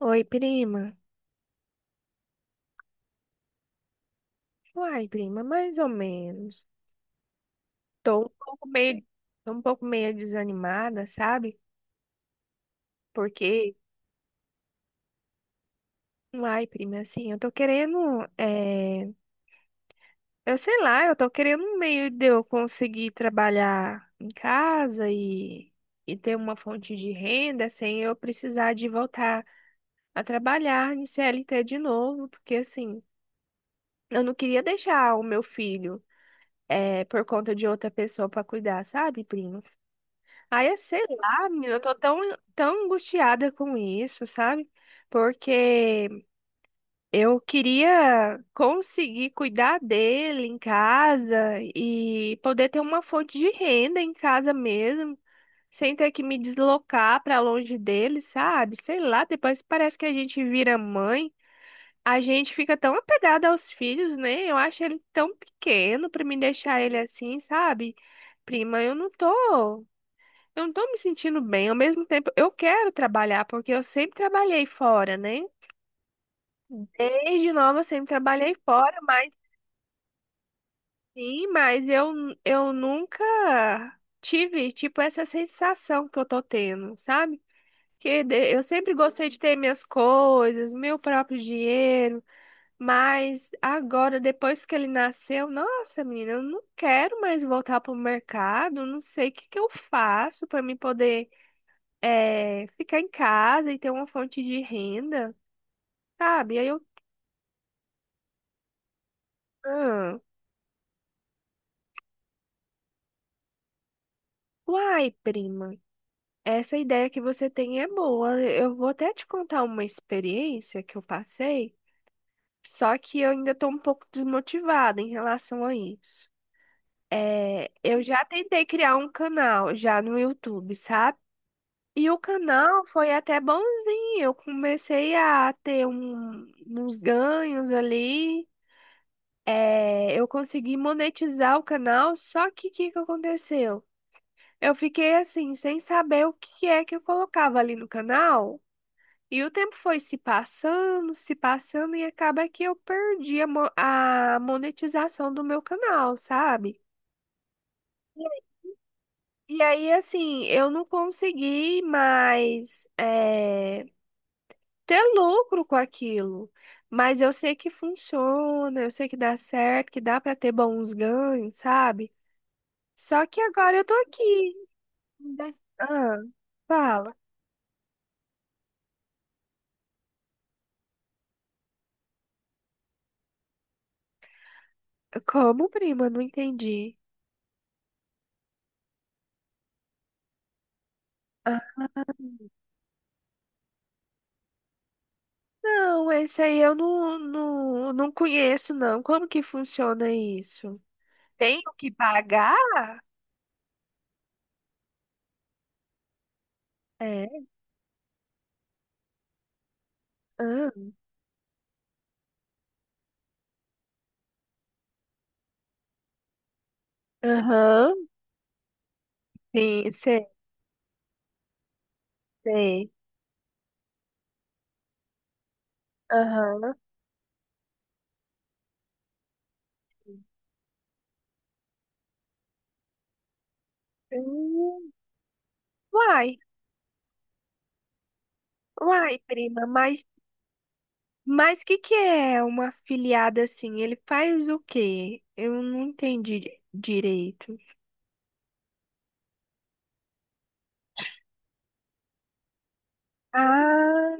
Oi, prima. Uai, prima, mais ou menos. Tô um pouco meio, tô um pouco meio desanimada, sabe? Porque, uai, prima, assim, eu tô querendo, é... eu sei lá, eu tô querendo um meio de eu conseguir trabalhar em casa e ter uma fonte de renda sem eu precisar de voltar a trabalhar em CLT de novo, porque assim, eu não queria deixar o meu filho, por conta de outra pessoa pra cuidar, sabe, prima? Aí, é, sei lá, menina, eu tô tão, tão angustiada com isso, sabe? Porque eu queria conseguir cuidar dele em casa e poder ter uma fonte de renda em casa mesmo, sem ter que me deslocar pra longe dele, sabe? Sei lá, depois parece que a gente vira mãe, a gente fica tão apegada aos filhos, né? Eu acho ele tão pequeno pra me deixar ele assim, sabe? Prima, eu não tô. Eu não tô me sentindo bem. Ao mesmo tempo, eu quero trabalhar, porque eu sempre trabalhei fora, né? Desde nova, eu sempre trabalhei fora, mas sim, eu nunca tive, tipo, essa sensação que eu tô tendo, sabe? Eu sempre gostei de ter minhas coisas, meu próprio dinheiro, mas agora, depois que ele nasceu, nossa, menina, eu não quero mais voltar pro mercado, não sei o que que eu faço para me poder ficar em casa e ter uma fonte de renda, sabe? Aí eu, ah, uai, prima, essa ideia que você tem é boa. Eu vou até te contar uma experiência que eu passei, só que eu ainda estou um pouco desmotivada em relação a isso. É, eu já tentei criar um canal já no YouTube, sabe? E o canal foi até bonzinho. Eu comecei a ter uns ganhos ali. É, eu consegui monetizar o canal, só que o que que aconteceu? Eu fiquei assim, sem saber o que é que eu colocava ali no canal, e o tempo foi se passando, se passando, e acaba que eu perdi a monetização do meu canal, sabe? E aí, assim, eu não consegui mais, ter lucro com aquilo. Mas eu sei que funciona, eu sei que dá certo, que dá para ter bons ganhos, sabe? Só que agora eu tô aqui. Ainda- Ah, fala. Como, prima? Não entendi. Ah, não, esse aí eu não conheço, não. Como que funciona isso? Tenho que pagar? É. Ah, aham. Sim, sei, sei. Aham. Hum. Uai, uai, prima, mas que é uma afiliada assim? Ele faz o quê? Eu não entendi di- direito. Ah,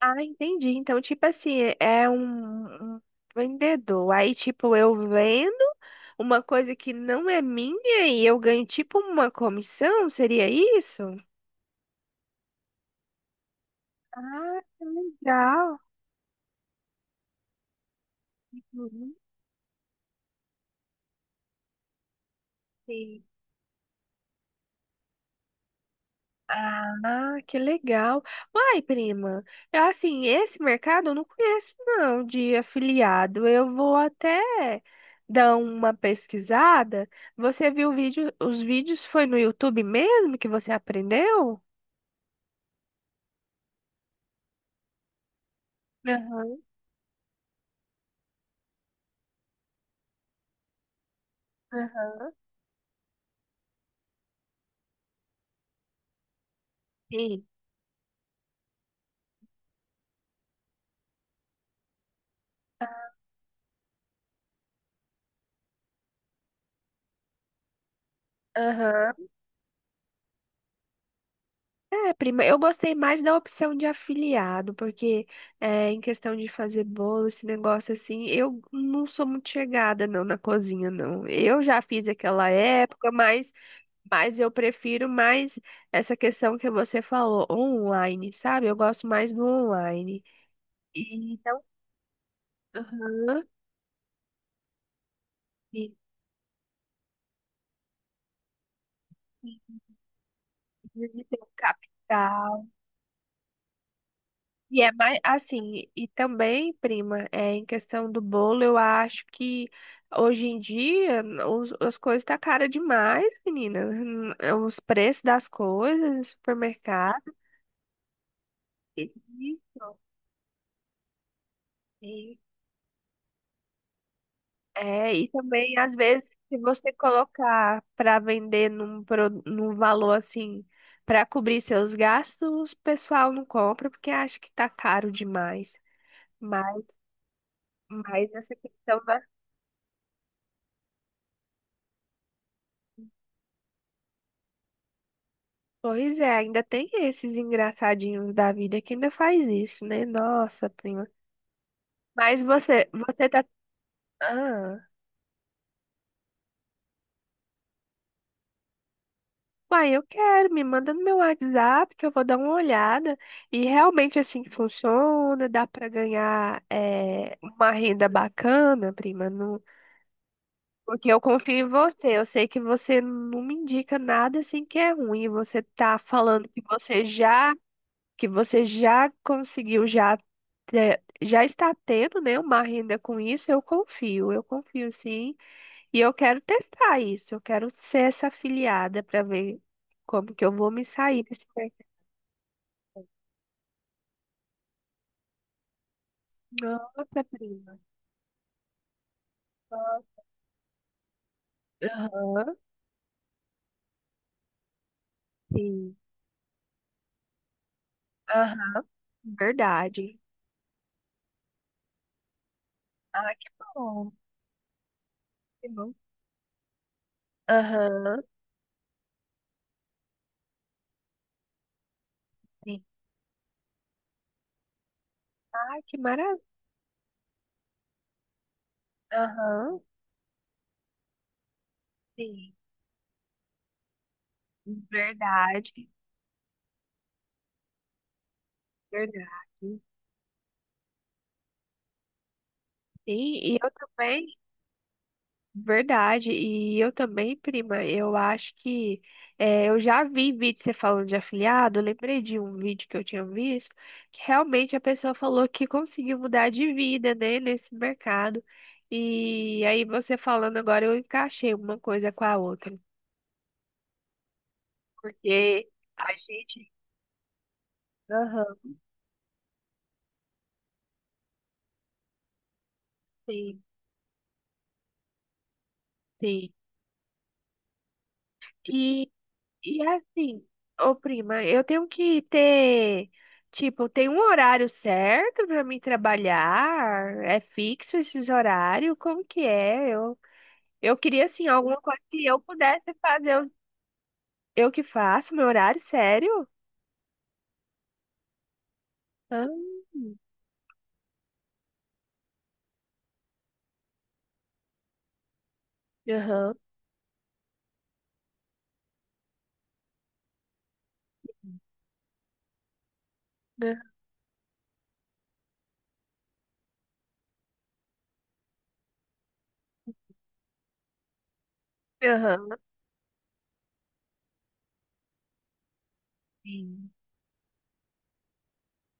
ah, entendi. Então, tipo assim, é um vendedor. Aí, tipo, eu vendo uma coisa que não é minha e eu ganho, tipo, uma comissão? Seria isso? Ah, que legal. Uhum. Sim. Ah, que legal. Uai, prima, eu, assim, esse mercado eu não conheço, não, de afiliado. Eu vou até dar uma pesquisada. Você viu o vídeo, os vídeos foi no YouTube mesmo que você aprendeu? Aham, aham. Sim. Aham. É, prima, eu gostei mais da opção de afiliado, porque em questão de fazer bolo, esse negócio assim, eu não sou muito chegada não na cozinha, não. Eu já fiz aquela época, mas eu prefiro mais essa questão que você falou, online, sabe? Eu gosto mais do online. E então, aham, e- e precisa de ter um capital. E é mais assim, e também, prima, em questão do bolo, eu acho que hoje em dia as coisas tá cara demais, menina. Hum. Os preços das coisas no supermercado. Isso. É, e também, às vezes, se você colocar para vender num valor assim, para cobrir seus gastos, o pessoal não compra porque acha que tá caro demais. Mas, mas essa questão da. Pois é, ainda tem esses engraçadinhos da vida que ainda faz isso, né? Nossa, prima. Mas você, você tá. Ah. Uai, eu quero, me manda no meu WhatsApp que eu vou dar uma olhada. E realmente assim que funciona, dá para ganhar uma renda bacana, prima. Não... Porque eu confio em você. Eu sei que você não me indica nada assim que é ruim. Você tá falando que você já conseguiu, já, já está tendo, né, uma renda com isso. Eu confio sim. E eu quero testar isso, eu quero ser essa afiliada para ver como que eu vou me sair desse mercado. Nossa, prima. Nossa. Aham. Sim, aham, verdade. Ah, que bom. Que bom. Aham, sim. Ah, que maravilha. Aham, sim, verdade, verdade. Sim, e eu também. Verdade, e eu também, prima, eu acho que eu já vi vídeo você falando de afiliado, eu lembrei de um vídeo que eu tinha visto, que realmente a pessoa falou que conseguiu mudar de vida, né, nesse mercado. E aí você falando agora, eu encaixei uma coisa com a outra, porque a gente, aham, sim, sim. E assim, ô prima, eu tenho que ter, tipo, tem um horário certo pra mim trabalhar? É fixo esses horários? Como que é? Eu queria, assim, alguma coisa que eu pudesse fazer. Eu que faço meu horário, sério? Ah, aham, aham, aham. Sim.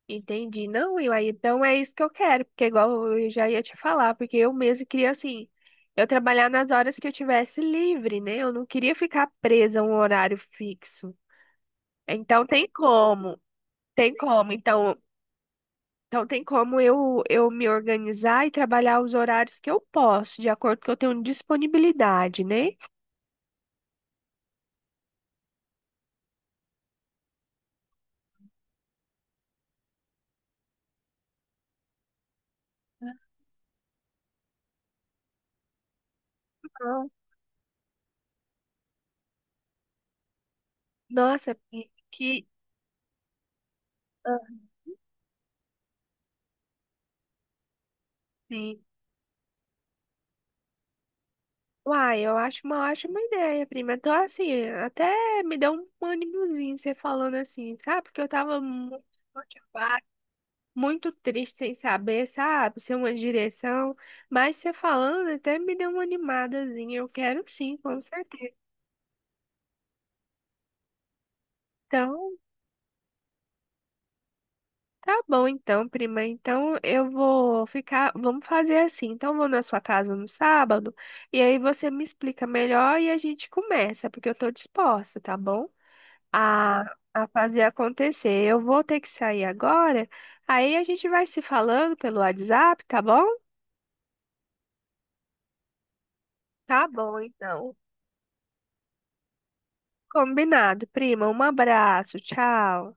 Entendi. Não, Will, aí então é isso que eu quero, porque igual eu já ia te falar, porque eu mesmo queria assim, eu trabalhar nas horas que eu tivesse livre, né? Eu não queria ficar presa a um horário fixo. Então tem como, tem como. Então, então tem como eu me organizar e trabalhar os horários que eu posso, de acordo com que eu tenho disponibilidade, né? Ah, nossa, que- ah. Sim. Uai, eu acho uma ótima ideia, prima. Então, assim, até me deu um ânimozinho você falando assim, sabe? Porque eu tava muito desmotivada, muito triste sem saber, sabe? Sem uma direção. Mas você falando até me deu uma animadazinha. Eu quero sim, com certeza. Então, tá bom então, prima. Então, eu vou ficar. Vamos fazer assim. Então, eu vou na sua casa no sábado. E aí você me explica melhor e a gente começa, porque eu tô disposta, tá bom? A, a fazer acontecer. Eu vou ter que sair agora, aí a gente vai se falando pelo WhatsApp, tá bom? Tá bom, então. Combinado, prima. Um abraço, tchau.